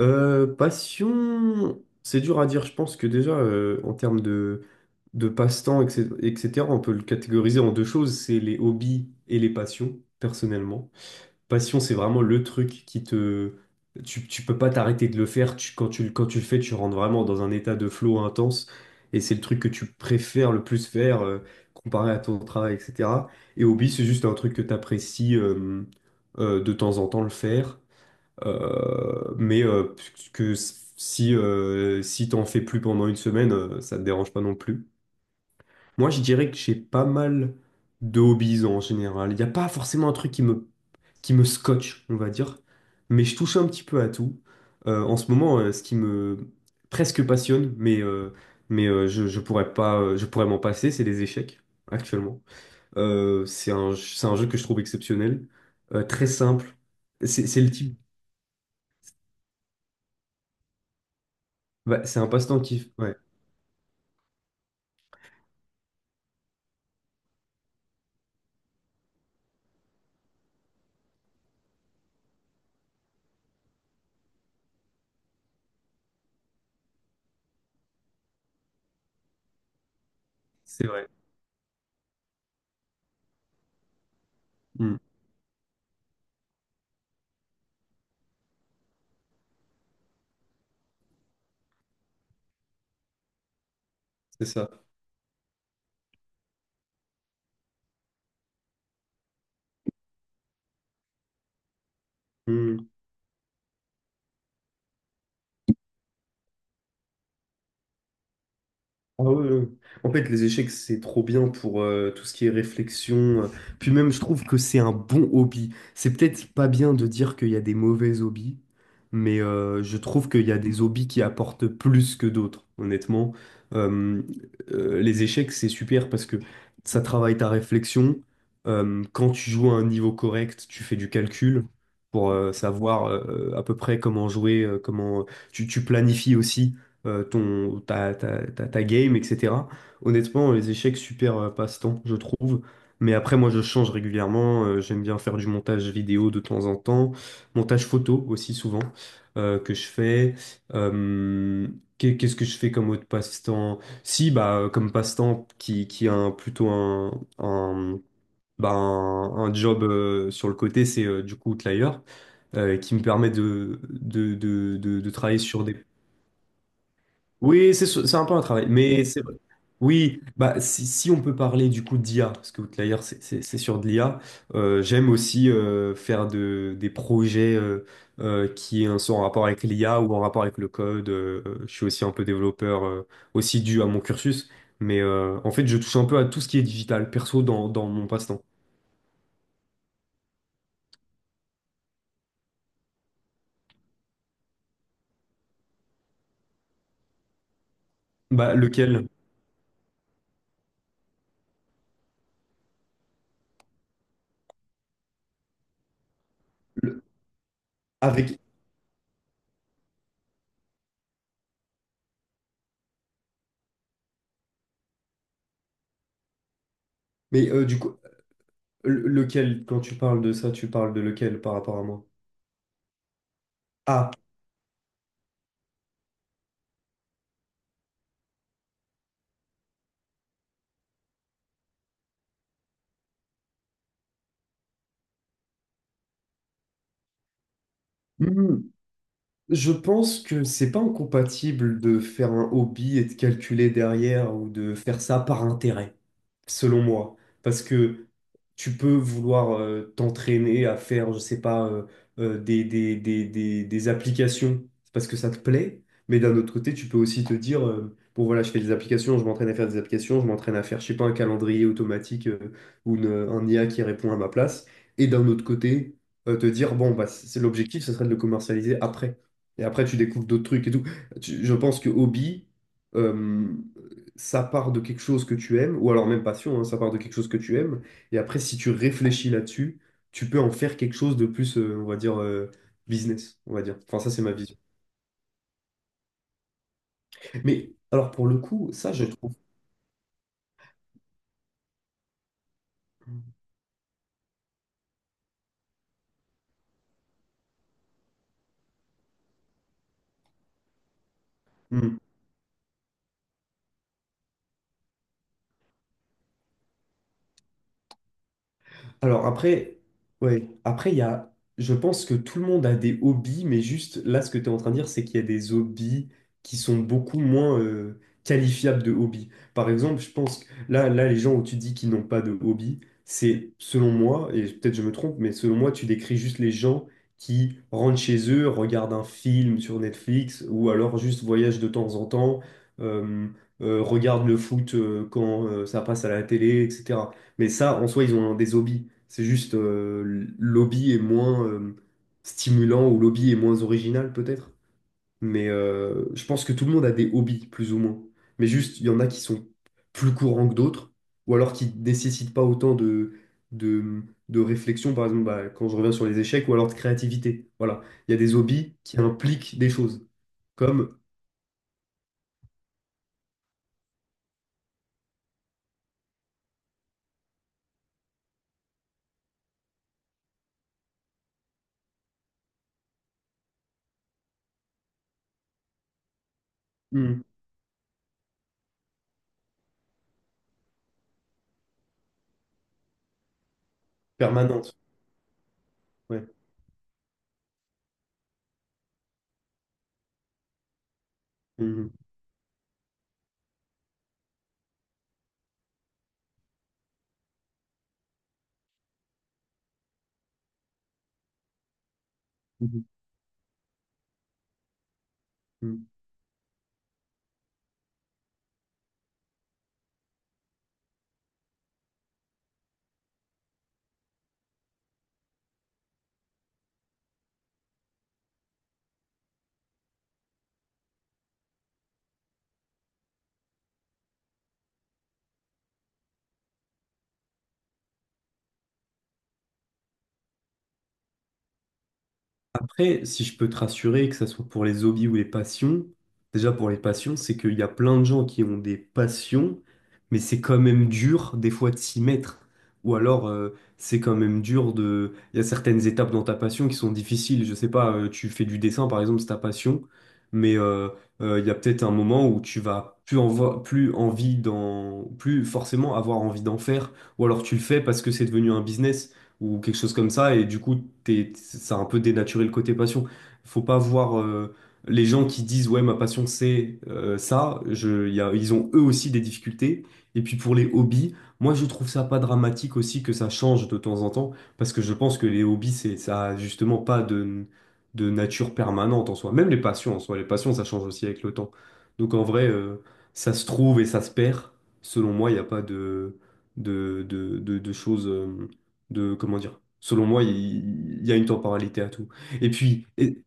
Passion, c'est dur à dire. Je pense que déjà, en termes de passe-temps, etc., etc., on peut le catégoriser en deux choses, c'est les hobbies et les passions, personnellement. Passion, c'est vraiment le truc qui te... Tu peux pas t'arrêter de le faire. Quand tu le fais, tu rentres vraiment dans un état de flow intense. Et c'est le truc que tu préfères le plus faire, comparé à ton travail, etc. Et hobby, c'est juste un truc que tu apprécies de temps en temps le faire. Mais que si, si t'en fais plus pendant une semaine, ça te dérange pas non plus. Moi, je dirais que j'ai pas mal de hobbies en général. Il n'y a pas forcément un truc qui me scotche, on va dire. Mais je touche un petit peu à tout. En ce moment, ce qui me presque passionne, je pourrais pas, je pourrais m'en passer, c'est les échecs, actuellement. C'est un jeu que je trouve exceptionnel, très simple. C'est le type. Bah, c'est un passe-temps qui... ouais. C'est vrai. Mm. C'est ça. Mm. Ah ouais, ouais. En fait, les échecs, c'est trop bien pour tout ce qui est réflexion. Puis même, je trouve que c'est un bon hobby. C'est peut-être pas bien de dire qu'il y a des mauvais hobbies, mais je trouve qu'il y a des hobbies qui apportent plus que d'autres, honnêtement. Euh, les échecs, c'est super parce que ça travaille ta réflexion. Quand tu joues à un niveau correct, tu fais du calcul pour savoir à peu près comment jouer, comment... Tu planifies aussi. Ta game, etc. Honnêtement, les échecs, super passe-temps, je trouve. Mais après, moi, je change régulièrement. J'aime bien faire du montage vidéo de temps en temps, montage photo aussi souvent que je fais. Euh, Qu'est-ce que je fais comme autre passe-temps? Si, bah, comme passe-temps qui a plutôt un, un, un job sur le côté, c'est du coup Outlier, qui me permet de travailler sur des... Oui, c'est un peu un travail, mais c'est vrai. Oui, bah si, si on peut parler du coup d'IA, parce que Outlier c'est sur de l'IA, j'aime aussi faire des projets, qui sont en rapport avec l'IA ou en rapport avec le code. Je suis aussi un peu développeur, aussi dû à mon cursus, mais en fait je touche un peu à tout ce qui est digital, perso dans mon passe-temps. Bah lequel? Le- Avec. Mais du coup, lequel, quand tu parles de ça, tu parles de lequel par rapport à moi? Ah. Hmm. Je pense que c'est pas incompatible de faire un hobby et de calculer derrière ou de faire ça par intérêt, selon moi. Parce que tu peux vouloir t'entraîner à faire, je sais pas, des applications parce que ça te plaît, mais d'un autre côté, tu peux aussi te dire, bon voilà, je fais des applications, je m'entraîne à faire des applications, je m'entraîne à faire, je sais pas, un calendrier automatique ou un IA qui répond à ma place, et d'un autre côté, te dire, bon, bah, c'est l'objectif, ce serait de le commercialiser après. Et après, tu découvres d'autres trucs et tout. Je pense que hobby, euh, ça part de quelque chose que tu aimes, ou alors même passion, hein, ça part de quelque chose que tu aimes, et après, si tu réfléchis là-dessus, tu peux en faire quelque chose de plus, on va dire, business, on va dire. Enfin, ça, c'est ma vision. Mais alors, pour le coup, ça, je trouve. Alors après, ouais, après il y a, je pense que tout le monde a des hobbies, mais juste là, ce que tu es en train de dire, c'est qu'il y a des hobbies qui sont beaucoup moins qualifiables de hobbies. Par exemple, je pense que les gens où tu dis qu'ils n'ont pas de hobby, c'est, selon moi, et peut-être je me trompe, mais selon moi, tu décris juste les gens qui rentrent chez eux, regardent un film sur Netflix, ou alors juste voyagent de temps en temps, euh, regardent le foot quand ça passe à la télé, etc. Mais ça, en soi, ils ont des hobbies. C'est juste l'hobby est moins stimulant ou l'hobby est moins original peut-être. Mais je pense que tout le monde a des hobbies, plus ou moins. Mais juste, il y en a qui sont plus courants que d'autres, ou alors qui ne nécessitent pas autant de, de réflexion, par exemple, bah, quand je reviens sur les échecs, ou alors de créativité. Voilà. Il y a des hobbies qui impliquent des choses, comme... Hmm. Permanente. Ouais. Mhm. Mhm. Mhm. Après, si je peux te rassurer, que ce soit pour les hobbies ou les passions, déjà pour les passions, c'est qu'il y a plein de gens qui ont des passions, mais c'est quand même dur des fois de s'y mettre. Ou alors, c'est quand même dur de... Il y a certaines étapes dans ta passion qui sont difficiles. Je sais pas, tu fais du dessin par exemple, c'est ta passion, mais il y a peut-être un moment où tu vas plus, plus envie d'en... plus forcément avoir envie d'en faire. Ou alors tu le fais parce que c'est devenu un business ou quelque chose comme ça. Et du coup, ça a un peu dénaturé le côté passion. Faut pas voir les gens qui disent, ouais, ma passion, c'est ça. Ils ont eux aussi des difficultés. Et puis pour les hobbies, moi, je trouve ça pas dramatique aussi que ça change de temps en temps, parce que je pense que les hobbies, ça a justement pas de nature permanente en soi. Même les passions en soi, les passions, ça change aussi avec le temps. Donc en vrai, ça se trouve et ça se perd. Selon moi, il n'y a pas de choses. Comment dire, selon moi, il y a une temporalité à tout. Et puis, et-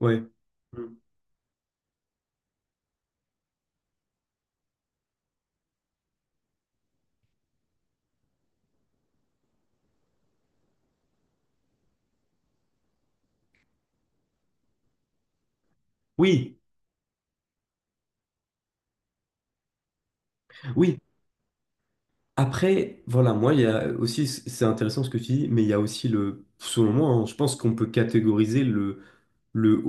ouais. Mm. Oui, oui. Après, voilà, moi, il y a aussi, c'est intéressant ce que tu dis, mais il y a aussi le, selon moi, hein, je pense qu'on peut catégoriser le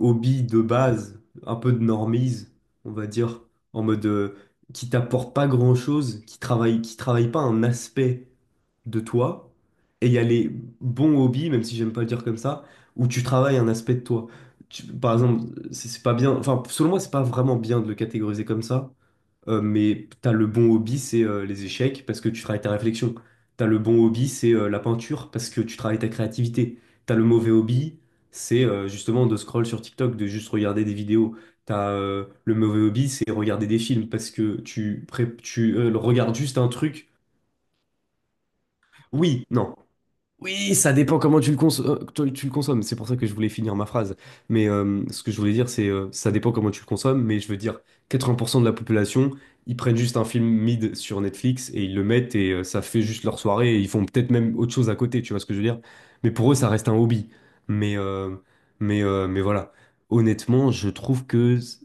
hobby de base, un peu de normise, on va dire, en mode qui t'apporte pas grand-chose, qui travaille pas un aspect de toi, et il y a les bons hobbies, même si j'aime pas le dire comme ça, où tu travailles un aspect de toi. Par exemple, c'est pas bien, enfin, selon moi, c'est pas vraiment bien de le catégoriser comme ça, mais t'as le bon hobby, c'est les échecs parce que tu travailles ta réflexion. T'as le bon hobby, c'est la peinture parce que tu travailles ta créativité. T'as le mauvais hobby, c'est justement de scroll sur TikTok, de juste regarder des vidéos. T'as le mauvais hobby, c'est regarder des films parce que tu regardes juste un truc. Oui, non. Oui, ça dépend comment tu le consommes. Tu le consommes. C'est pour ça que je voulais finir ma phrase. Mais ce que je voulais dire, c'est ça dépend comment tu le consommes. Mais je veux dire, 80% de la population, ils prennent juste un film mid sur Netflix et ils le mettent et ça fait juste leur soirée. Et ils font peut-être même autre chose à côté. Tu vois ce que je veux dire? Mais pour eux, ça reste un hobby. Mais euh, mais voilà. Honnêtement, je trouve que s-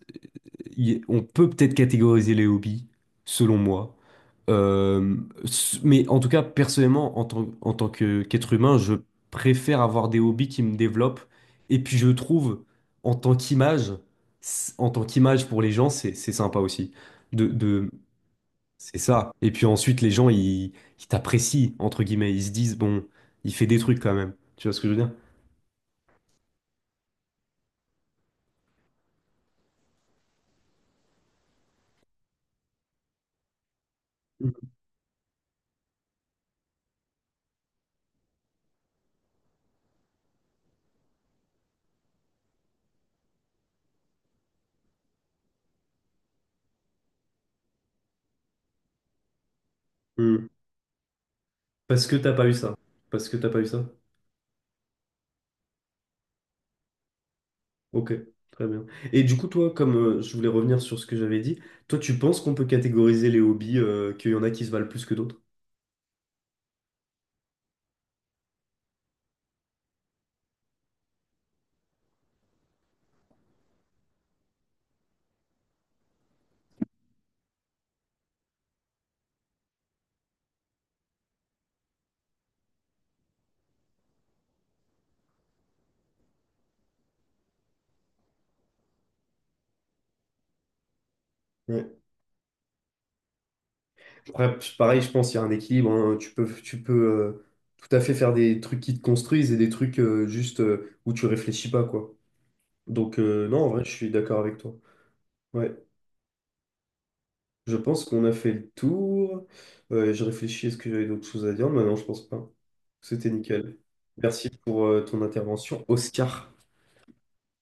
y- on peut peut-être catégoriser les hobbies, selon moi. Euh, mais en tout cas, personnellement, en tant qu'être humain, je préfère avoir des hobbies qui me développent. Et puis je trouve, en tant qu'image, en tant qu'image pour les gens, c'est sympa aussi. De, de, c'est ça. Et puis ensuite, les gens, ils t'apprécient, entre guillemets. Ils se disent, bon, il fait des trucs quand même. Tu vois ce que je veux dire? Mm. Parce que t'as pas eu ça. Parce que t'as pas eu ça. Ok, très bien. Et du coup, toi, comme je voulais revenir sur ce que j'avais dit, toi, tu penses qu'on peut catégoriser les hobbies, qu'il y en a qui se valent plus que d'autres? Ouais. Après, pareil, je pense qu'il y a un équilibre. Hein. Tu peux euh, tout à fait faire des trucs qui te construisent et des trucs juste où tu réfléchis pas, quoi. Donc, non, en vrai, je suis d'accord avec toi. Ouais, je pense qu'on a fait le tour. Je réfléchis, est-ce que j'avais d'autres choses à dire? Mais non, je pense pas. C'était nickel. Merci pour ton intervention, Oscar.